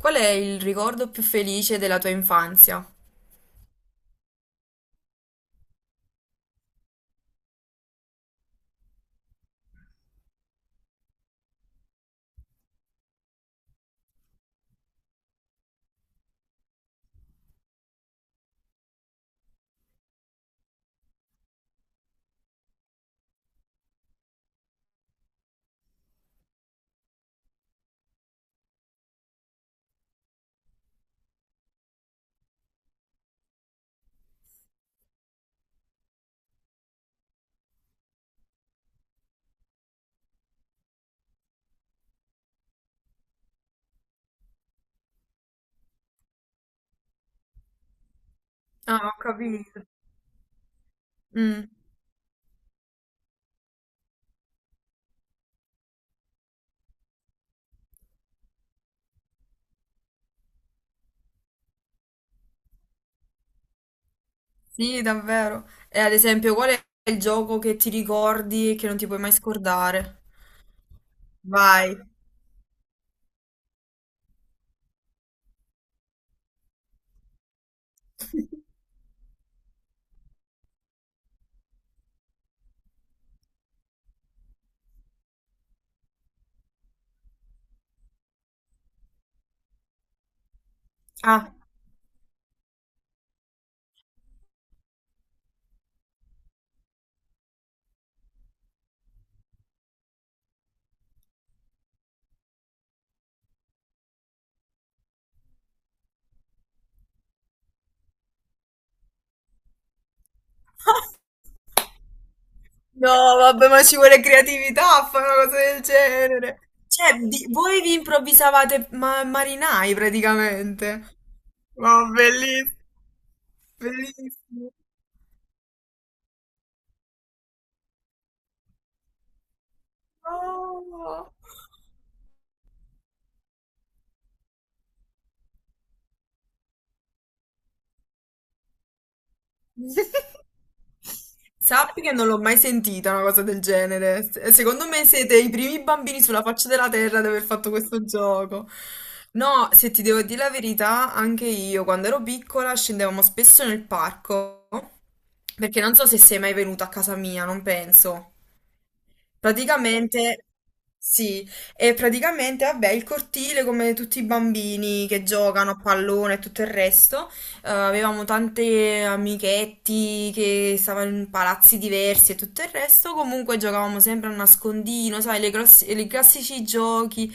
Qual è il ricordo più felice della tua infanzia? Ah, ho capito. Mm, sì, davvero. E ad esempio, qual è il gioco che ti ricordi e che non ti puoi mai scordare? Vai. Ah. No, vabbè, ma ci vuole creatività a fare una cosa del genere. Cioè, voi vi improvvisavate marinai praticamente. Ma bellissimo, bellissimo. Oh. Sappi che non l'ho mai sentita una cosa del genere. Secondo me siete i primi bambini sulla faccia della terra ad aver fatto questo gioco. No, se ti devo dire la verità, anche io quando ero piccola scendevamo spesso nel parco, perché non so se sei mai venuto a casa mia, non penso. Praticamente, sì, e praticamente, vabbè, il cortile come tutti i bambini che giocano a pallone e tutto il resto, avevamo tante amichetti che stavano in palazzi diversi e tutto il resto, comunque giocavamo sempre a nascondino, sai, i classici giochi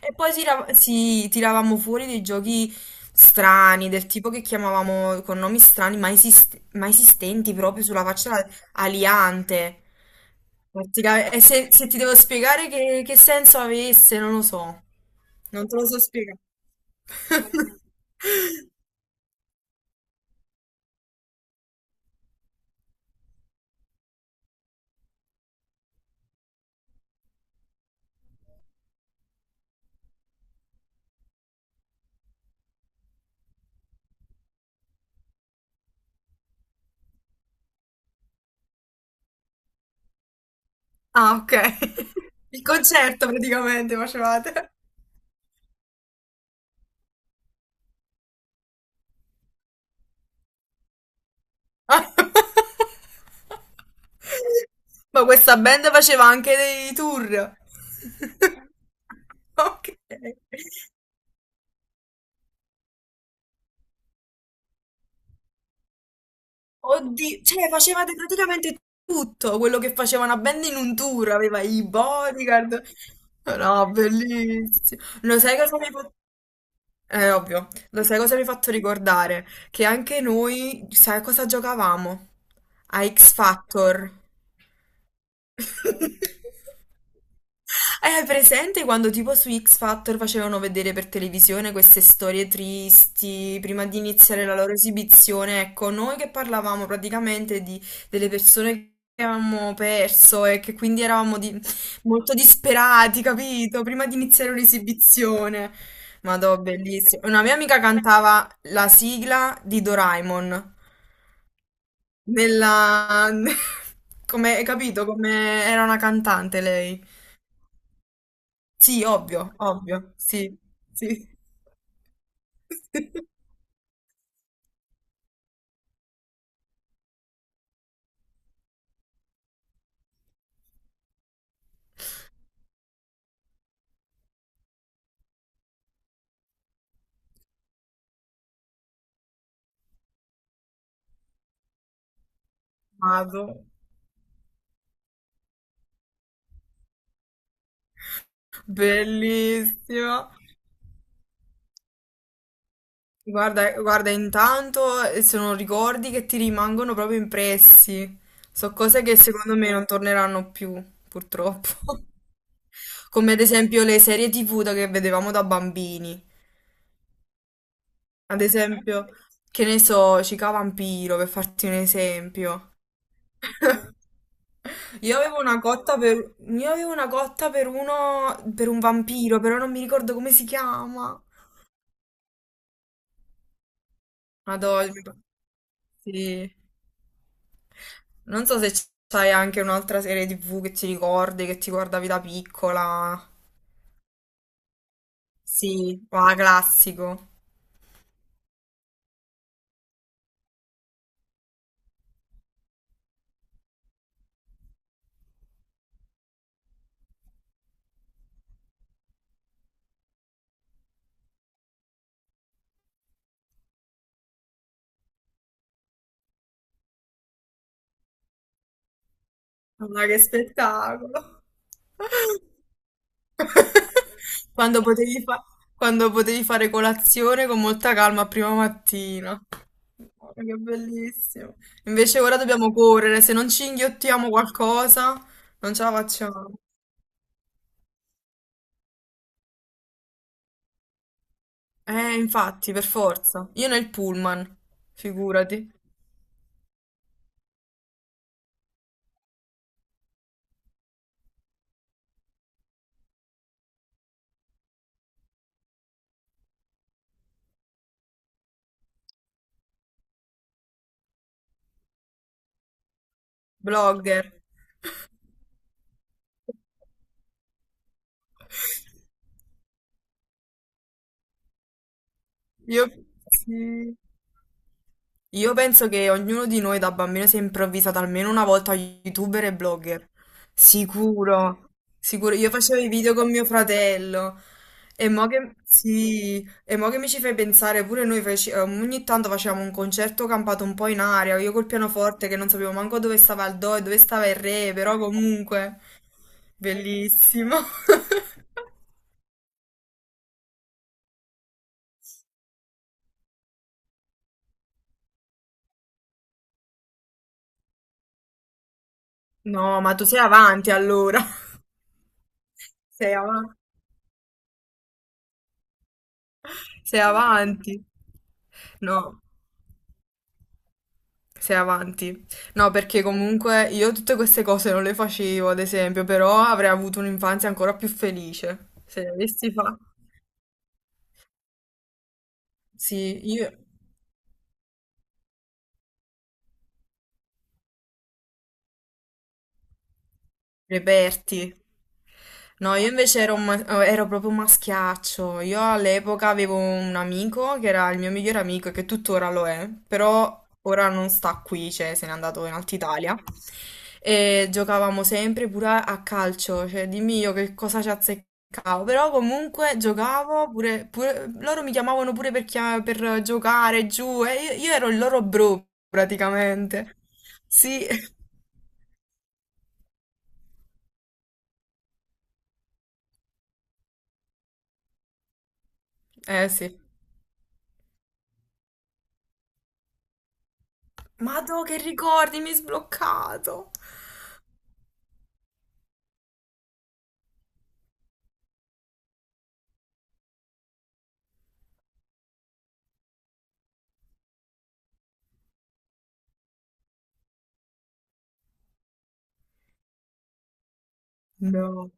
e poi si tiravamo fuori dei giochi strani, del tipo che chiamavamo con nomi strani, ma, ma esistenti proprio sulla faccia aliante. E se, se ti devo spiegare che senso avesse, non lo so. Non te lo so spiegare. Ah, ok. Il concerto praticamente facevate. Ma questa band faceva anche dei tour. Ok. Oddio, cioè facevate praticamente tutto quello che faceva una band in un tour, aveva i bodyguard. No, bellissimo. Lo sai cosa mi ha fatto? Ovvio. Lo sai cosa mi ha fatto ricordare? Che anche noi, sai cosa giocavamo? A X Factor. Eh, Hai presente quando tipo su X Factor facevano vedere per televisione queste storie tristi prima di iniziare la loro esibizione? Ecco, noi che parlavamo praticamente di, delle persone che avevamo perso e che quindi eravamo molto disperati, capito? Prima di iniziare un'esibizione. Madò, bellissimo. Una mia amica cantava la sigla di Doraemon. Nella... Come, hai capito? Come era una cantante lei. Sì, ovvio, ovvio, sì, sì. Vado. Bellissimo. Guarda, guarda, intanto sono ricordi che ti rimangono proprio impressi. So cose che secondo me non torneranno più, purtroppo. Come ad esempio le serie TV che vedevamo da bambini. Ad esempio, che ne so, Cica Vampiro, per farti un esempio. Io avevo una cotta per uno, per un vampiro, però non mi ricordo come si chiama. Madonna. Sì. Non so se c'hai anche un'altra serie TV che ti ricordi, che ti guardavi da piccola. Sì, va, classico. Ma che spettacolo. Quando potevi fa- quando potevi fare colazione con molta calma a prima mattina. Guarda, che bellissimo. Invece ora dobbiamo correre, se non ci inghiottiamo qualcosa, non ce la facciamo. Infatti, per forza. Io nel pullman, figurati. Blogger. Io sì. Io penso che ognuno di noi da bambino si è improvvisato almeno una volta youtuber e blogger. Sicuro, sicuro. Io facevo i video con mio fratello. E mo che, sì, e mo che mi ci fai pensare, pure noi ogni tanto facevamo un concerto campato un po' in aria, io col pianoforte che non sapevo manco dove stava il do e dove stava il re, però comunque, bellissimo. No, ma tu sei avanti allora. Sei avanti. Sei avanti. No. Sei avanti. No, perché comunque io tutte queste cose non le facevo, ad esempio, però avrei avuto un'infanzia ancora più felice. Se le avessi fatte. Sì, io... Reperti. No, io invece ero, ero proprio un maschiaccio. Io all'epoca avevo un amico che era il mio migliore amico e che tuttora lo è, però ora non sta qui, cioè se n'è andato in Alta Italia. E giocavamo sempre pure a calcio, cioè dimmi io che cosa ci azzeccavo, però comunque giocavo pure, loro mi chiamavano pure per, per giocare giù e io ero il loro bro praticamente. Sì, eh sì. Madò, che ricordi, mi hai sbloccato. No.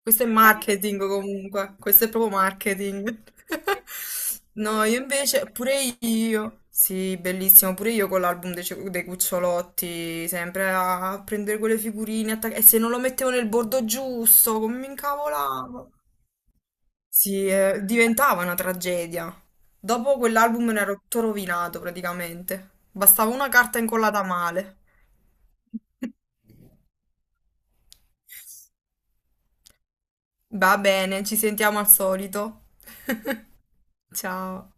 Questo è marketing comunque, questo è proprio marketing. No, io invece, pure io, sì, bellissimo, pure io con dei Cucciolotti, sempre a prendere quelle figurine, e se non lo mettevo nel bordo giusto, come mi incavolavo. Sì, diventava una tragedia. Dopo quell'album ne ero tutto rovinato praticamente. Bastava una carta incollata male. Va bene, ci sentiamo al solito. Ciao.